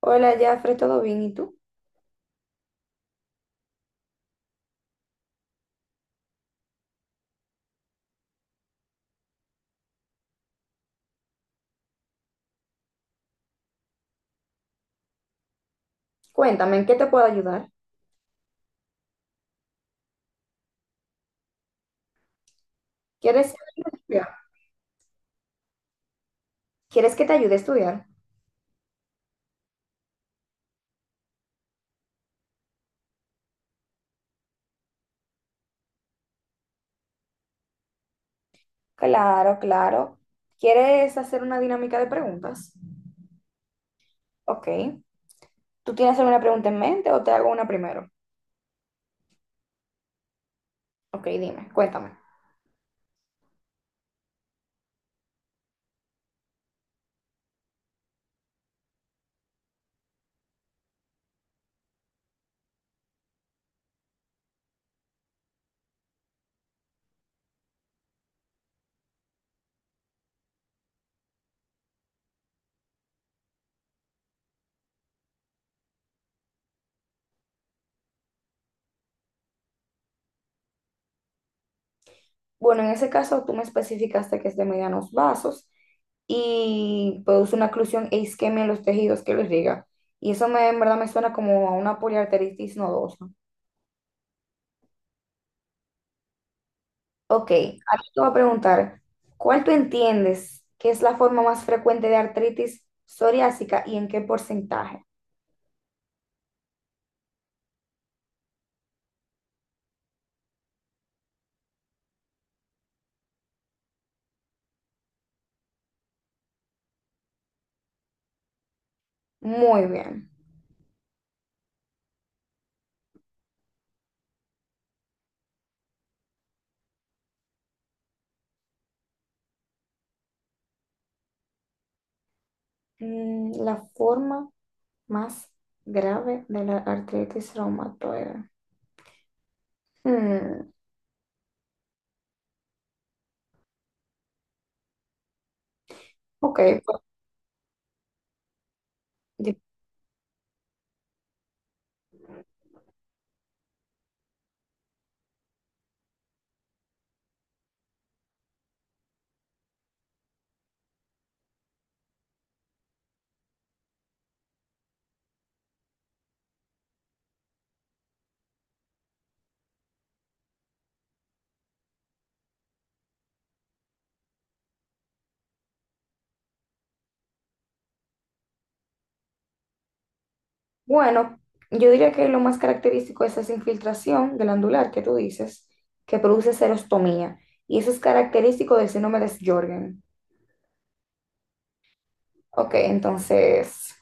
Hola, Jafre, ¿todo bien? ¿Y tú? Cuéntame, ¿en qué te puedo ayudar? ¿Quieres estudiar? ¿Quieres que te ayude a estudiar? Claro, claro. ¿Quieres hacer una dinámica de preguntas? Ok. ¿Tú tienes alguna pregunta en mente o te hago una primero? Ok, dime, cuéntame. Bueno, en ese caso tú me especificaste que es de medianos vasos y produce una oclusión e isquemia en los tejidos que los liga. Y eso me, en verdad me suena como a una poliarteritis nodosa. Ok, ahora te voy a preguntar, ¿cuál tú entiendes que es la forma más frecuente de artritis psoriásica y en qué porcentaje? Muy bien. La forma más grave de la artritis reumatoide. Mm, ok, pues, di- bueno, yo diría que lo más característico es esa infiltración glandular que tú dices, que produce serostomía, y eso es característico del síndrome de Sjögren. Ok, entonces...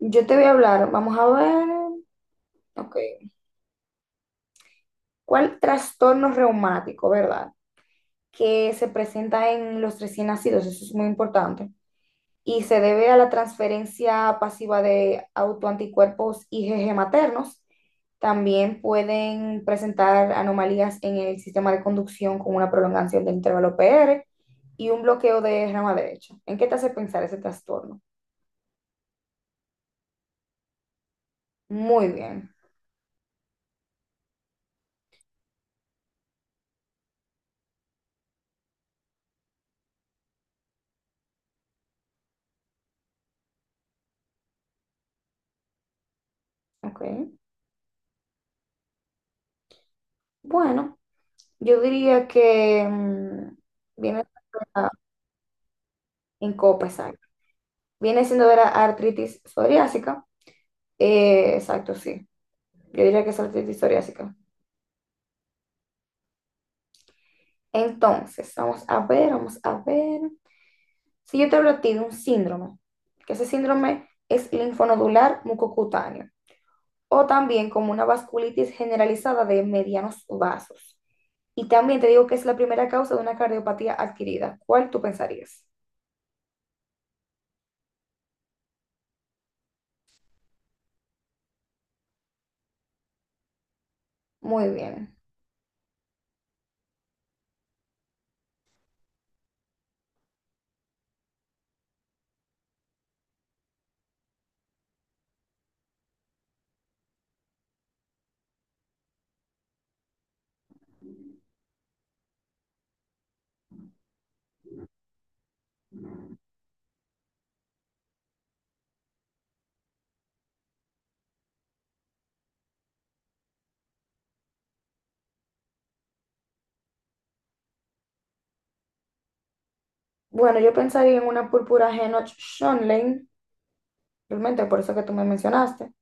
Yo te voy a hablar, vamos a ver. Ok. ¿Cuál trastorno reumático, verdad? Que se presenta en los recién nacidos, eso es muy importante. Y se debe a la transferencia pasiva de autoanticuerpos IgG maternos. También pueden presentar anomalías en el sistema de conducción con una prolongación del intervalo PR y un bloqueo de rama derecha. ¿En qué te hace pensar ese trastorno? Muy bien. Ok. Bueno, yo diría que viene en COPESAC. Viene siendo de la artritis psoriásica. Exacto, sí. Yo diría que es artritis psoriásica. Entonces, vamos a ver, vamos a ver. Si yo te hablo a ti de un síndrome, que ese síndrome es linfonodular mucocutáneo, o también como una vasculitis generalizada de medianos vasos. Y también te digo que es la primera causa de una cardiopatía adquirida. ¿Cuál tú pensarías? Muy bien. Bueno, yo pensaría en una púrpura Henoch-Schönlein, realmente por eso que tú me mencionaste,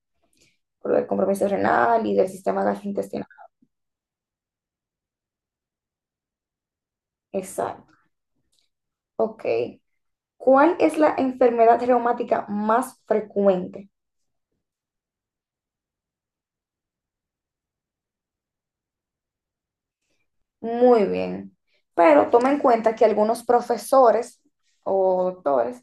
por el compromiso renal y del sistema gastrointestinal. Exacto. Ok. ¿Cuál es la enfermedad reumática más frecuente? Muy bien. Pero toma en cuenta que algunos profesores o doctores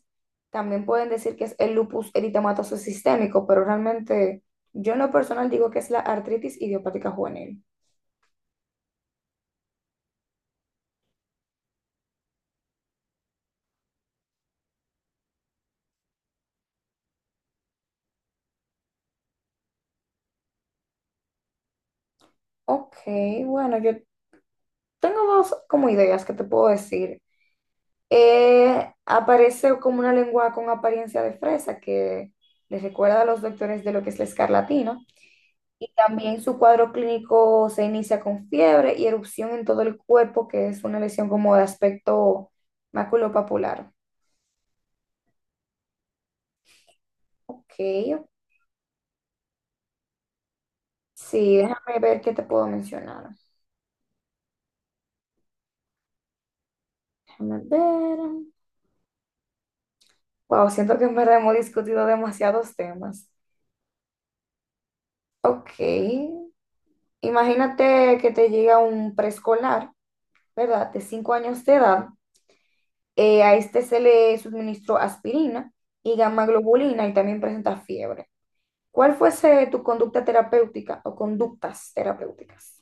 también pueden decir que es el lupus eritematoso sistémico, pero realmente yo en lo personal digo que es la artritis idiopática juvenil. Ok, bueno, yo tengo dos como ideas que te puedo decir. Aparece como una lengua con apariencia de fresa que les recuerda a los doctores de lo que es la escarlatina. Y también su cuadro clínico se inicia con fiebre y erupción en todo el cuerpo, que es una lesión como de aspecto maculopapular. Ok, sí, déjame ver qué te puedo mencionar. Déjame ver. Wow, siento que en verdad hemos discutido demasiados temas. Ok. Imagínate que te llega un preescolar, ¿verdad? De 5 años de edad. A este se le suministró aspirina y gamma globulina y también presenta fiebre. ¿Cuál fuese tu conducta terapéutica o conductas terapéuticas?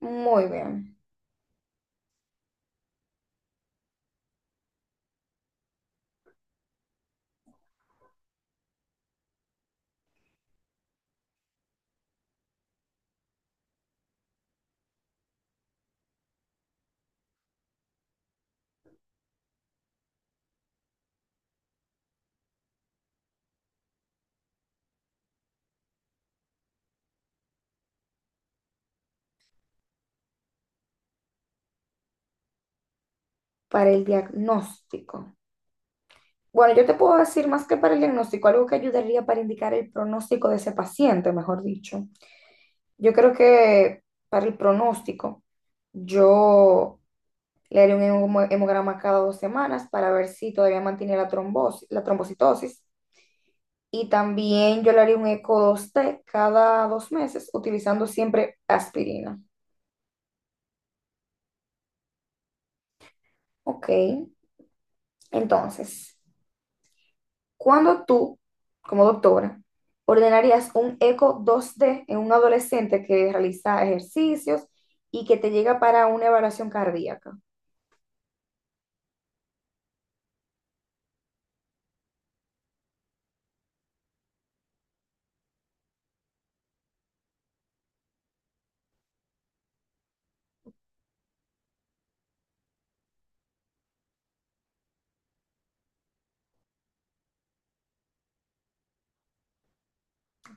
Muy bien, para el diagnóstico. Bueno, yo te puedo decir más que para el diagnóstico, algo que ayudaría para indicar el pronóstico de ese paciente, mejor dicho. Yo creo que para el pronóstico, yo le haré un hemograma cada 2 semanas para ver si todavía mantiene la trombosis, la trombocitosis. Y también yo le haré un eco 2T cada 2 meses utilizando siempre aspirina. Ok, entonces, ¿cuándo tú, como doctora, ordenarías un eco 2D en un adolescente que realiza ejercicios y que te llega para una evaluación cardíaca?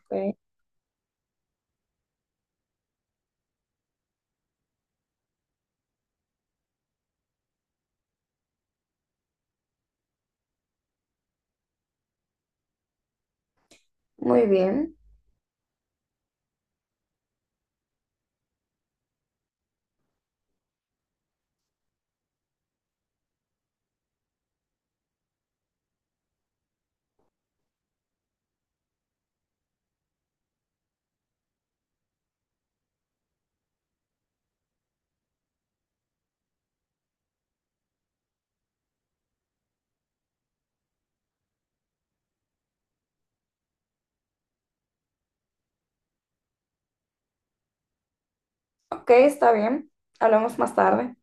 Ok, muy bien. Ok, está bien. Hablamos más tarde.